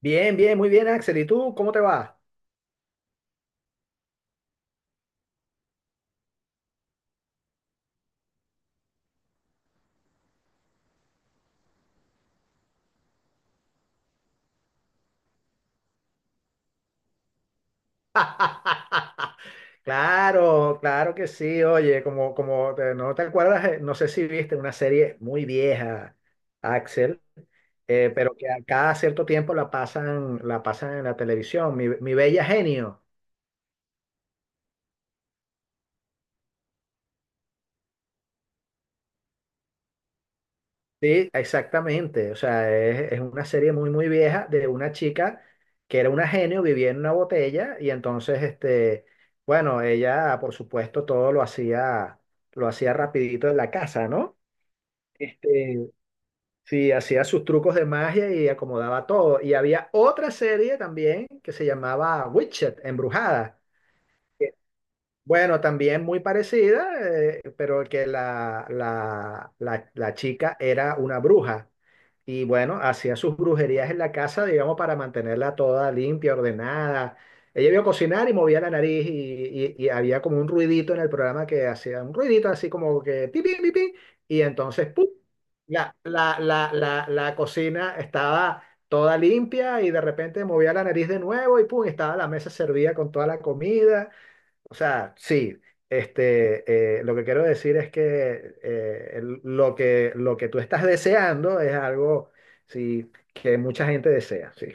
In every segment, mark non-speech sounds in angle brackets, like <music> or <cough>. Bien, bien, muy bien, Axel. ¿Y tú cómo te va? Claro, claro que sí. Oye, como, como no te acuerdas, no sé si viste una serie muy vieja, Axel, pero que a cada cierto tiempo la pasan en la televisión. Mi Bella Genio. Sí, exactamente. O sea, es una serie muy, muy vieja de una chica que era una genio, vivía en una botella y entonces, este, bueno, ella, por supuesto, todo lo hacía rapidito en la casa, ¿no? Este, sí, hacía sus trucos de magia y acomodaba todo. Y había otra serie también que se llamaba Witched, Embrujada. Bueno, también muy parecida, pero que la chica era una bruja y bueno, hacía sus brujerías en la casa, digamos, para mantenerla toda limpia, ordenada. Ella iba a cocinar y movía la nariz y había como un ruidito en el programa que hacía un ruidito así como que pi, pi, pi, pi, y entonces ¡pum! La cocina estaba toda limpia y de repente movía la nariz de nuevo y ¡pum! Estaba la mesa servida con toda la comida. O sea, sí, este, lo que quiero decir es que, lo que lo que tú estás deseando es algo sí, que mucha gente desea, sí.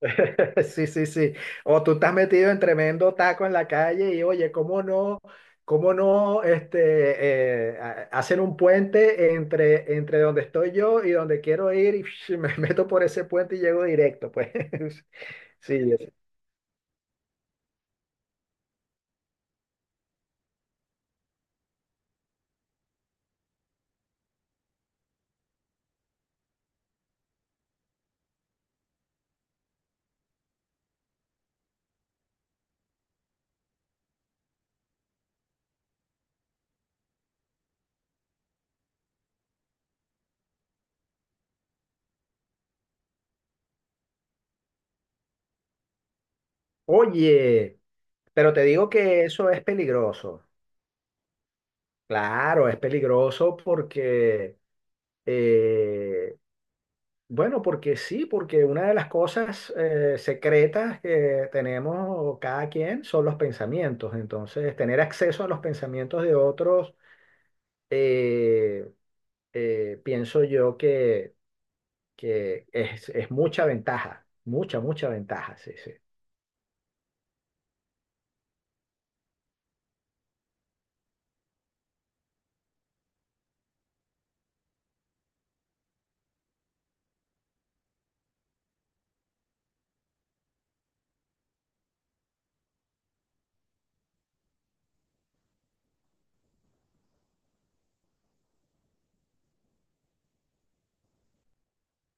<laughs> Sí, sí, sí. O tú estás metido en tremendo taco en la calle y oye, cómo no hacen un puente entre, entre donde estoy yo y donde quiero ir y <laughs> me meto por ese puente y llego directo, pues. <laughs> Sí, oye, pero te digo que eso es peligroso. Claro, es peligroso porque, eh, bueno, porque sí, porque una de las cosas secretas que tenemos cada quien son los pensamientos. Entonces, tener acceso a los pensamientos de otros, eh, pienso yo que es mucha ventaja, mucha, mucha ventaja, sí, sí.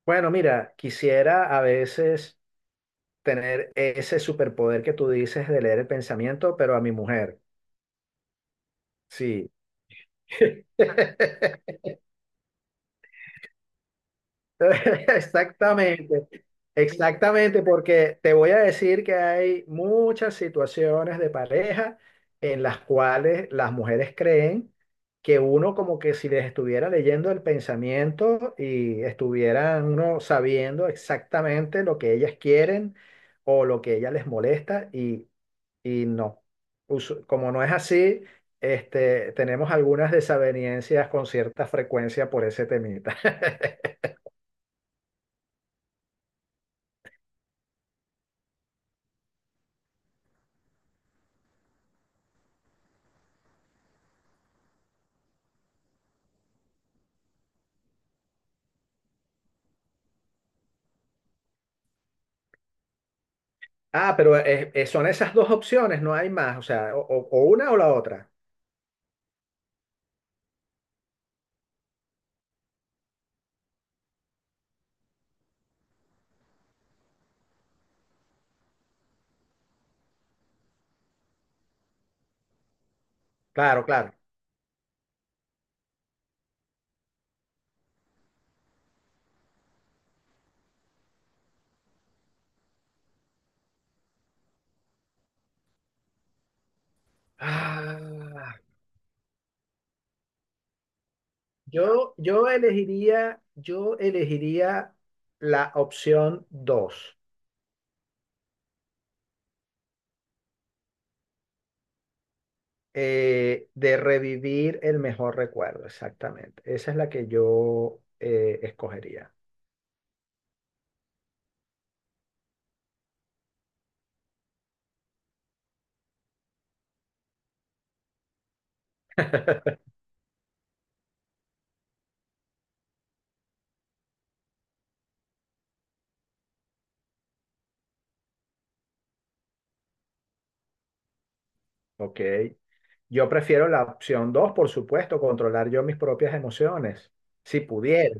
Bueno, mira, quisiera a veces tener ese superpoder que tú dices de leer el pensamiento, pero a mi mujer, sí. <laughs> Exactamente, exactamente, porque te voy a decir que hay muchas situaciones de pareja en las cuales las mujeres creen que uno como que si les estuviera leyendo el pensamiento y estuvieran uno sabiendo exactamente lo que ellas quieren o lo que ellas les molesta y no. Como no es así, este, tenemos algunas desavenencias con cierta frecuencia por ese temita. <laughs> Ah, pero son esas dos opciones, no hay más, o sea, o una o la otra. Claro, claro. Ah, yo elegiría la opción dos, de revivir el mejor recuerdo, exactamente. Esa es la que yo escogería. <laughs> Ok. Yo prefiero la opción dos, por supuesto, controlar yo mis propias emociones, si pudiera.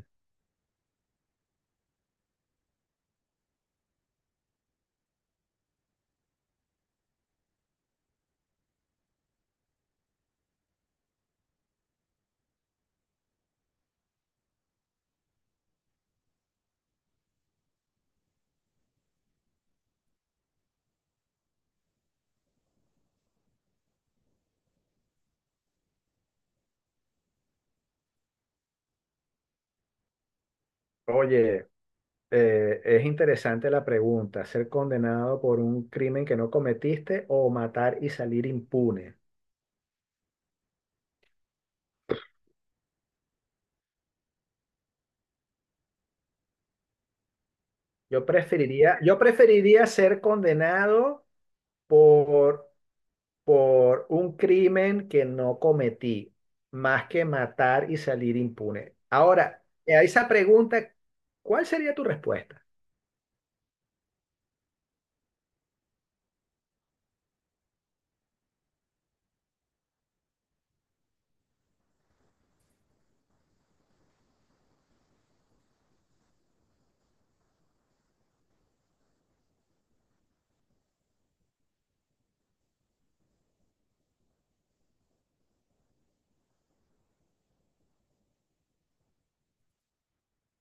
Oye, es interesante la pregunta, ser condenado por un crimen que no cometiste o matar y salir impune. Yo preferiría ser condenado por, por un crimen que no cometí, más que matar y salir impune. Ahora, a esa pregunta, ¿cuál sería tu respuesta?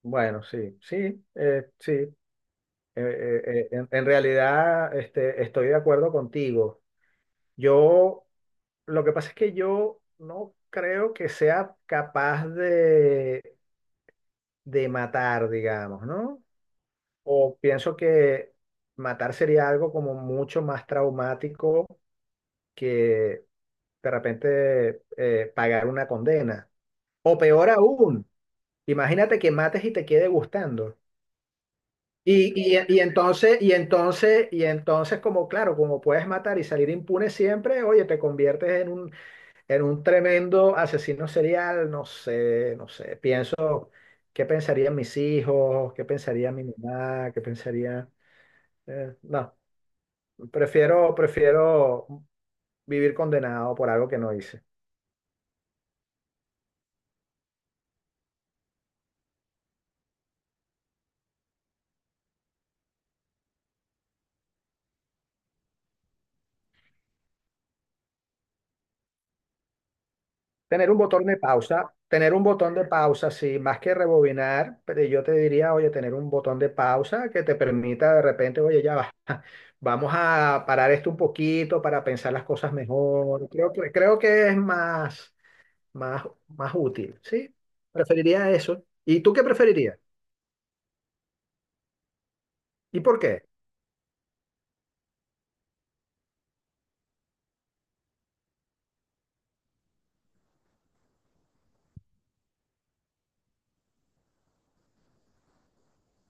Bueno, sí, sí, sí, en realidad, este, estoy de acuerdo contigo. Yo, lo que pasa es que yo no creo que sea capaz de matar, digamos, ¿no? O pienso que matar sería algo como mucho más traumático que de repente pagar una condena. O peor aún, imagínate que mates y te quede gustando. Y, y entonces, como claro, como puedes matar y salir impune siempre, oye, te conviertes en un tremendo asesino serial, no sé, no sé, pienso, ¿qué pensarían mis hijos? ¿Qué pensaría mi mamá? ¿Qué pensaría? No, prefiero, prefiero vivir condenado por algo que no hice. Tener un botón de pausa, tener un botón de pausa, sí, más que rebobinar, pero yo te diría, oye, tener un botón de pausa que te permita de repente, oye, ya va, <laughs> vamos a parar esto un poquito para pensar las cosas mejor. Creo que es más, más, más útil, ¿sí? Preferiría eso. ¿Y tú qué preferirías? ¿Y por qué?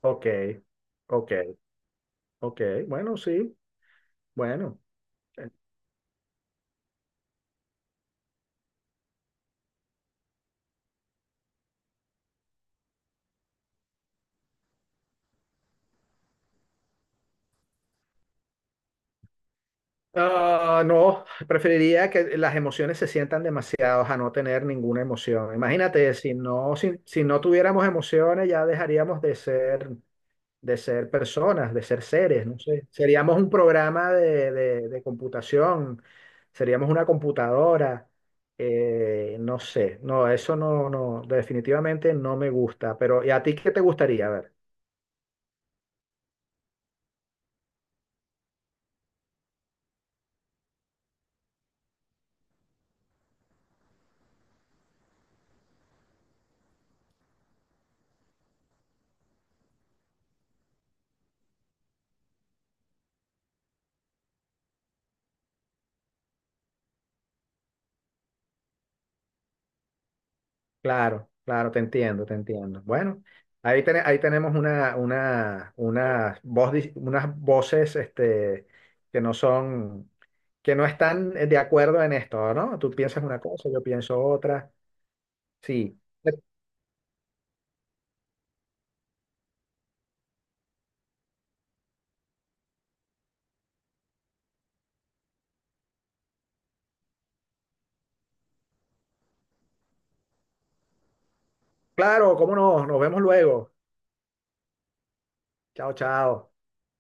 Ok, ok, ok, bueno, sí, bueno. Ah, no, preferiría que las emociones se sientan demasiados a no tener ninguna emoción. Imagínate, si no, si no tuviéramos emociones, ya dejaríamos de ser personas, de ser seres, no sé. Seríamos un programa de, de computación, seríamos una computadora, no sé. No, eso no, no, definitivamente no me gusta. Pero, ¿y a ti qué te gustaría? A ver. Claro, claro, te entiendo, te entiendo. Bueno, ahí tenemos una unas voces este, que no son, que no están de acuerdo en esto, ¿no? Tú piensas una cosa, yo pienso otra. Sí. Claro, cómo no, nos vemos luego. Chao, chao.